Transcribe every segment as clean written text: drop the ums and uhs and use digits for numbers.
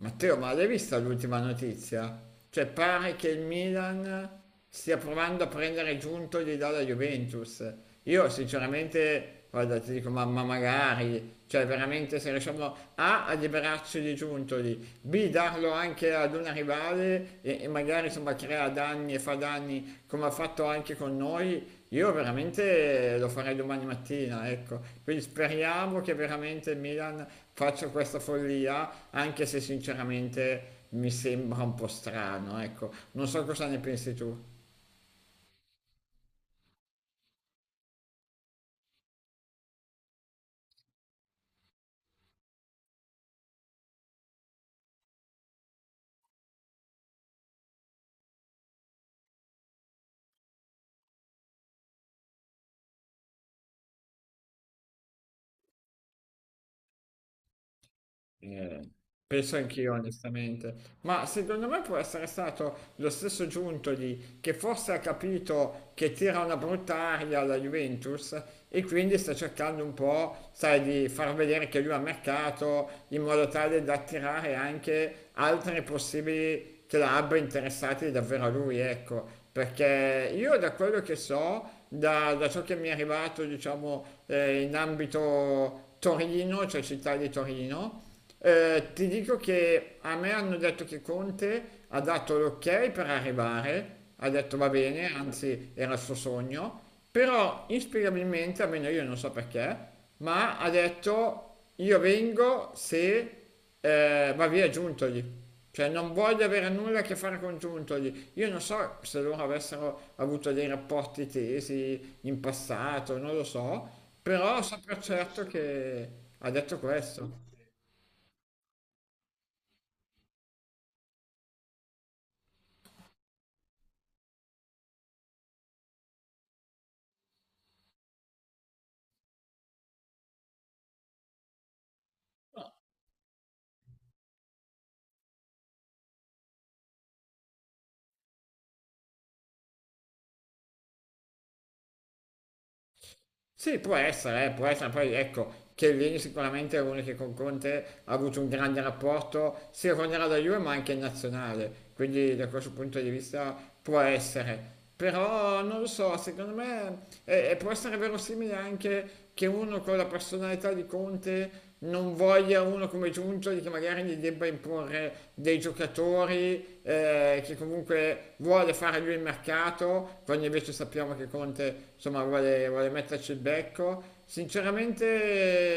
Matteo, ma l'hai vista l'ultima notizia? Cioè, pare che il Milan stia provando a prendere Giuntoli dalla Juventus. Io sinceramente, guarda, ti dico, mamma magari, cioè veramente se riusciamo A, a liberarci di Giuntoli, B, darlo anche ad una rivale e magari insomma crea danni e fa danni come ha fatto anche con noi, io veramente lo farei domani mattina, ecco. Quindi speriamo che veramente il Milan faccia questa follia, anche se sinceramente mi sembra un po' strano, ecco. Non so cosa ne pensi tu. Eh, penso anch'io, onestamente. Ma secondo me può essere stato lo stesso Giuntoli che forse ha capito che tira una brutta aria alla Juventus e quindi sta cercando un po', sai, di far vedere che lui ha mercato in modo tale da attirare anche altri possibili club interessati davvero a lui, ecco. Perché io da quello che so, da ciò che mi è arrivato, diciamo, in ambito Torino, cioè città di Torino, ti dico che a me hanno detto che Conte ha dato l'ok per arrivare, ha detto va bene, anzi era il suo sogno, però inspiegabilmente, almeno io non so perché, ma ha detto io vengo se va via Giuntoli. Cioè non voglio avere nulla a che fare con Giuntoli. Io non so se loro avessero avuto dei rapporti tesi in passato, non lo so, però so per certo che ha detto questo. Sì, può essere, poi ecco, Chiellini sicuramente è uno che con Conte ha avuto un grande rapporto sia quando era da Juve ma anche in nazionale, quindi da questo punto di vista può essere. Però non lo so, secondo me può essere verosimile anche che uno con la personalità di Conte non voglia uno come Giuntoli che magari gli debba imporre dei giocatori che comunque vuole fare lui il mercato, quando invece sappiamo che Conte insomma vuole metterci il becco. Sinceramente,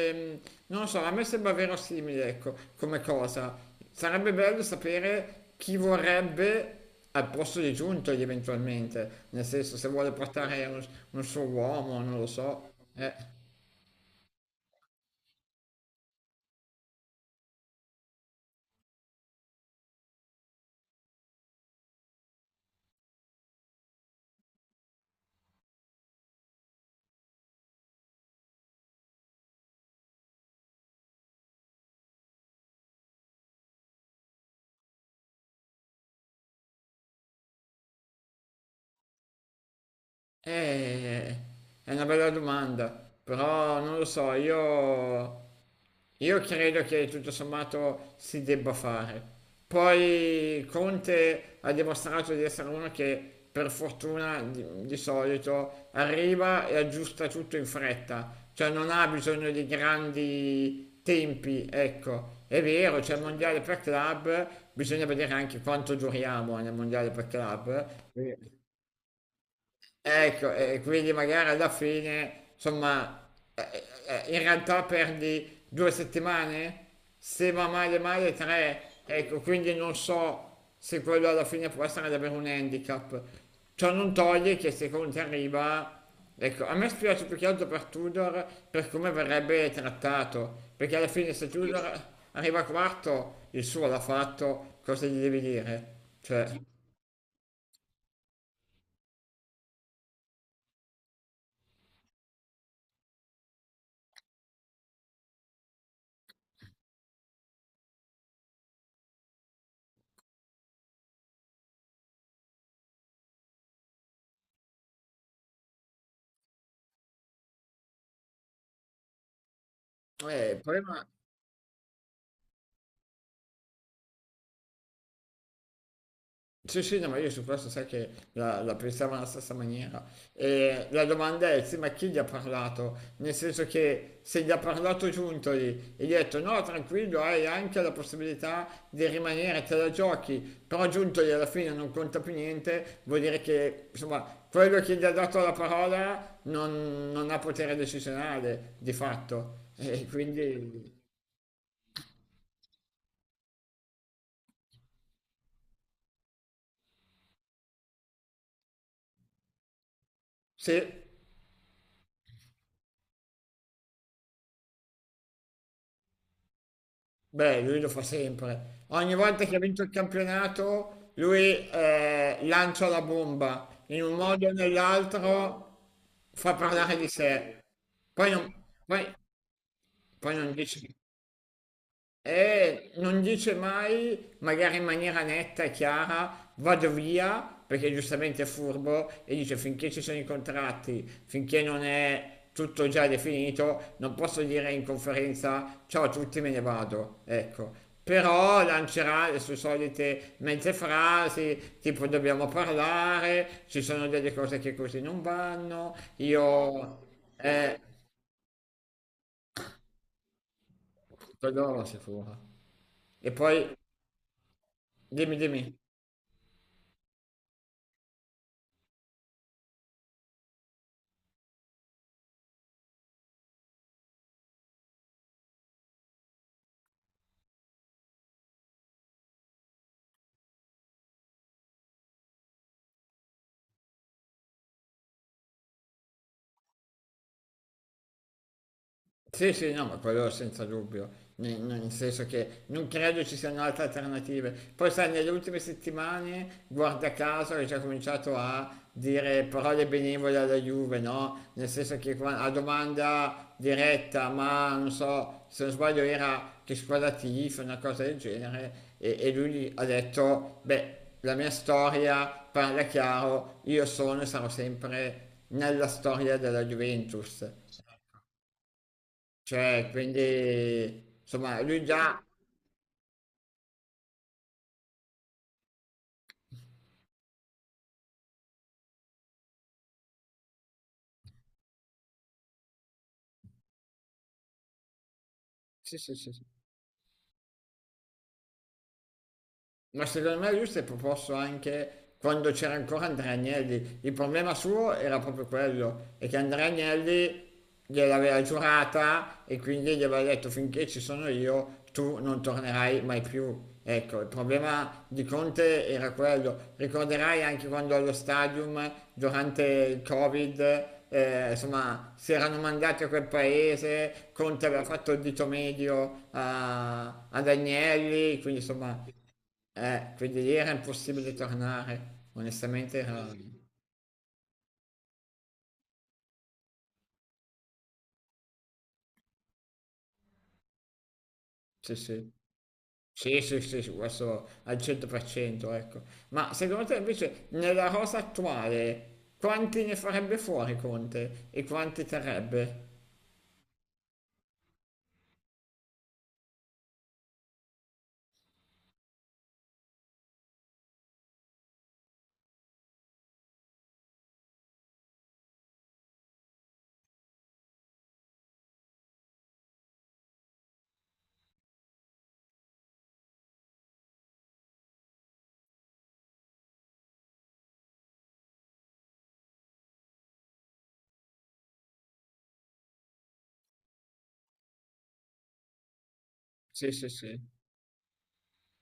non lo so, a me sembra verosimile, ecco, come cosa. Sarebbe bello sapere chi vorrebbe al posto di Giuntoli eventualmente, nel senso se vuole portare un suo uomo, non lo so. Eh, è una bella domanda, però non lo so, io credo che tutto sommato si debba fare. Poi Conte ha dimostrato di essere uno che per fortuna di solito arriva e aggiusta tutto in fretta, cioè non ha bisogno di grandi tempi, ecco. È vero, c'è il mondiale per club, bisogna vedere anche quanto duriamo nel mondiale per club. Ecco, e quindi magari alla fine, insomma, eh, in realtà perdi due settimane, se va male male tre, ecco, quindi non so se quello alla fine può essere davvero un handicap. Ciò non toglie che se Conte arriva, ecco, a me spiace più che altro per Tudor, per come verrebbe trattato, perché alla fine se Tudor arriva quarto, il suo l'ha fatto, cosa gli devi dire? Cioè, il problema. Sì, sì, no, ma io su questo sai che la pensavo alla stessa maniera. E la domanda è, sì, ma chi gli ha parlato? Nel senso che se gli ha parlato Giuntoli e gli ha detto no, tranquillo, hai anche la possibilità di rimanere, te la giochi, però Giuntoli alla fine non conta più niente, vuol dire che, insomma, quello che gli ha dato la parola non ha potere decisionale, di fatto. E quindi, sì. Beh, lui lo fa sempre. Ogni volta che ha vinto il campionato, lui lancia la bomba. In un modo o nell'altro fa parlare di sé. Poi non, poi, Poi non dici e non dice mai, magari in maniera netta e chiara, vado via, perché giustamente è furbo, e dice finché ci sono i contratti, finché non è tutto già definito, non posso dire in conferenza ciao a tutti, me ne vado. Ecco. Però lancerà le sue solite mezze frasi, tipo dobbiamo parlare, ci sono delle cose che così non vanno, io... Eh, quello sicuro. E poi, dimmi, dimmi. Sì, sì, no, ma quello senza dubbio, nel senso che non credo ci siano altre alternative. Poi sai, nelle ultime settimane, guarda caso, hai già cominciato a dire parole benevole alla Juve, no? Nel senso che a domanda diretta, ma non so, se non sbaglio era che squadra tifa, una cosa del genere, e lui ha detto, beh, la mia storia parla chiaro, io sono e sarò sempre nella storia della Juventus. Cioè, quindi, insomma, lui già... Sì, sì, sì, sì. Ma secondo me lui si è proposto anche quando c'era ancora Andrea Agnelli. Il problema suo era proprio quello, è che Andrea Agnelli gliel'aveva giurata e quindi gli aveva detto finché ci sono io tu non tornerai mai più. Ecco, il problema di Conte era quello. Ricorderai anche quando allo stadium, durante il Covid, insomma, si erano mandati a quel paese, Conte aveva fatto il dito medio ad Agnelli, quindi insomma quindi lì era impossibile tornare, onestamente era... Mm. Sì, sì, sì, sì, sì, sì, questo al 100%, ecco. Ma secondo te invece nella rosa attuale quanti ne farebbe fuori Conte e quanti terrebbe? Sì, sì, sì.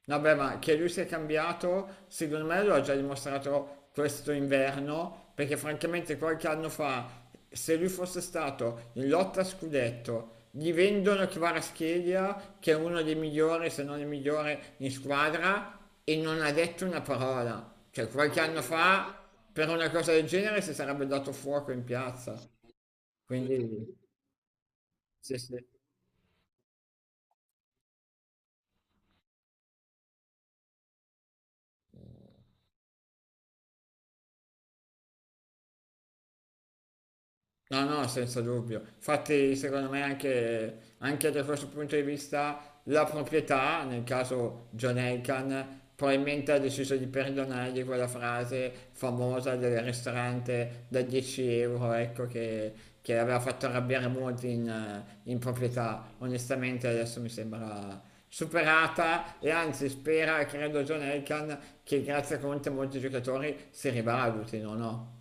Vabbè, ma che lui sia cambiato, secondo me lo ha già dimostrato questo inverno, perché francamente qualche anno fa, se lui fosse stato in lotta a scudetto, gli vendono Kvaratskhelia, che è uno dei migliori, se non il migliore in squadra, e non ha detto una parola. Cioè, qualche anno fa, per una cosa del genere, si sarebbe dato fuoco in piazza. Quindi, sì, sì. No, no, senza dubbio. Infatti, secondo me, anche, anche da questo punto di vista, la proprietà, nel caso John Elkann, probabilmente ha deciso di perdonargli quella frase famosa del ristorante da 10 euro, ecco, che aveva fatto arrabbiare molti in proprietà. Onestamente, adesso mi sembra superata e anzi spera, credo, John Elkann, che grazie a Conte molti giocatori si rivalutino, no? No?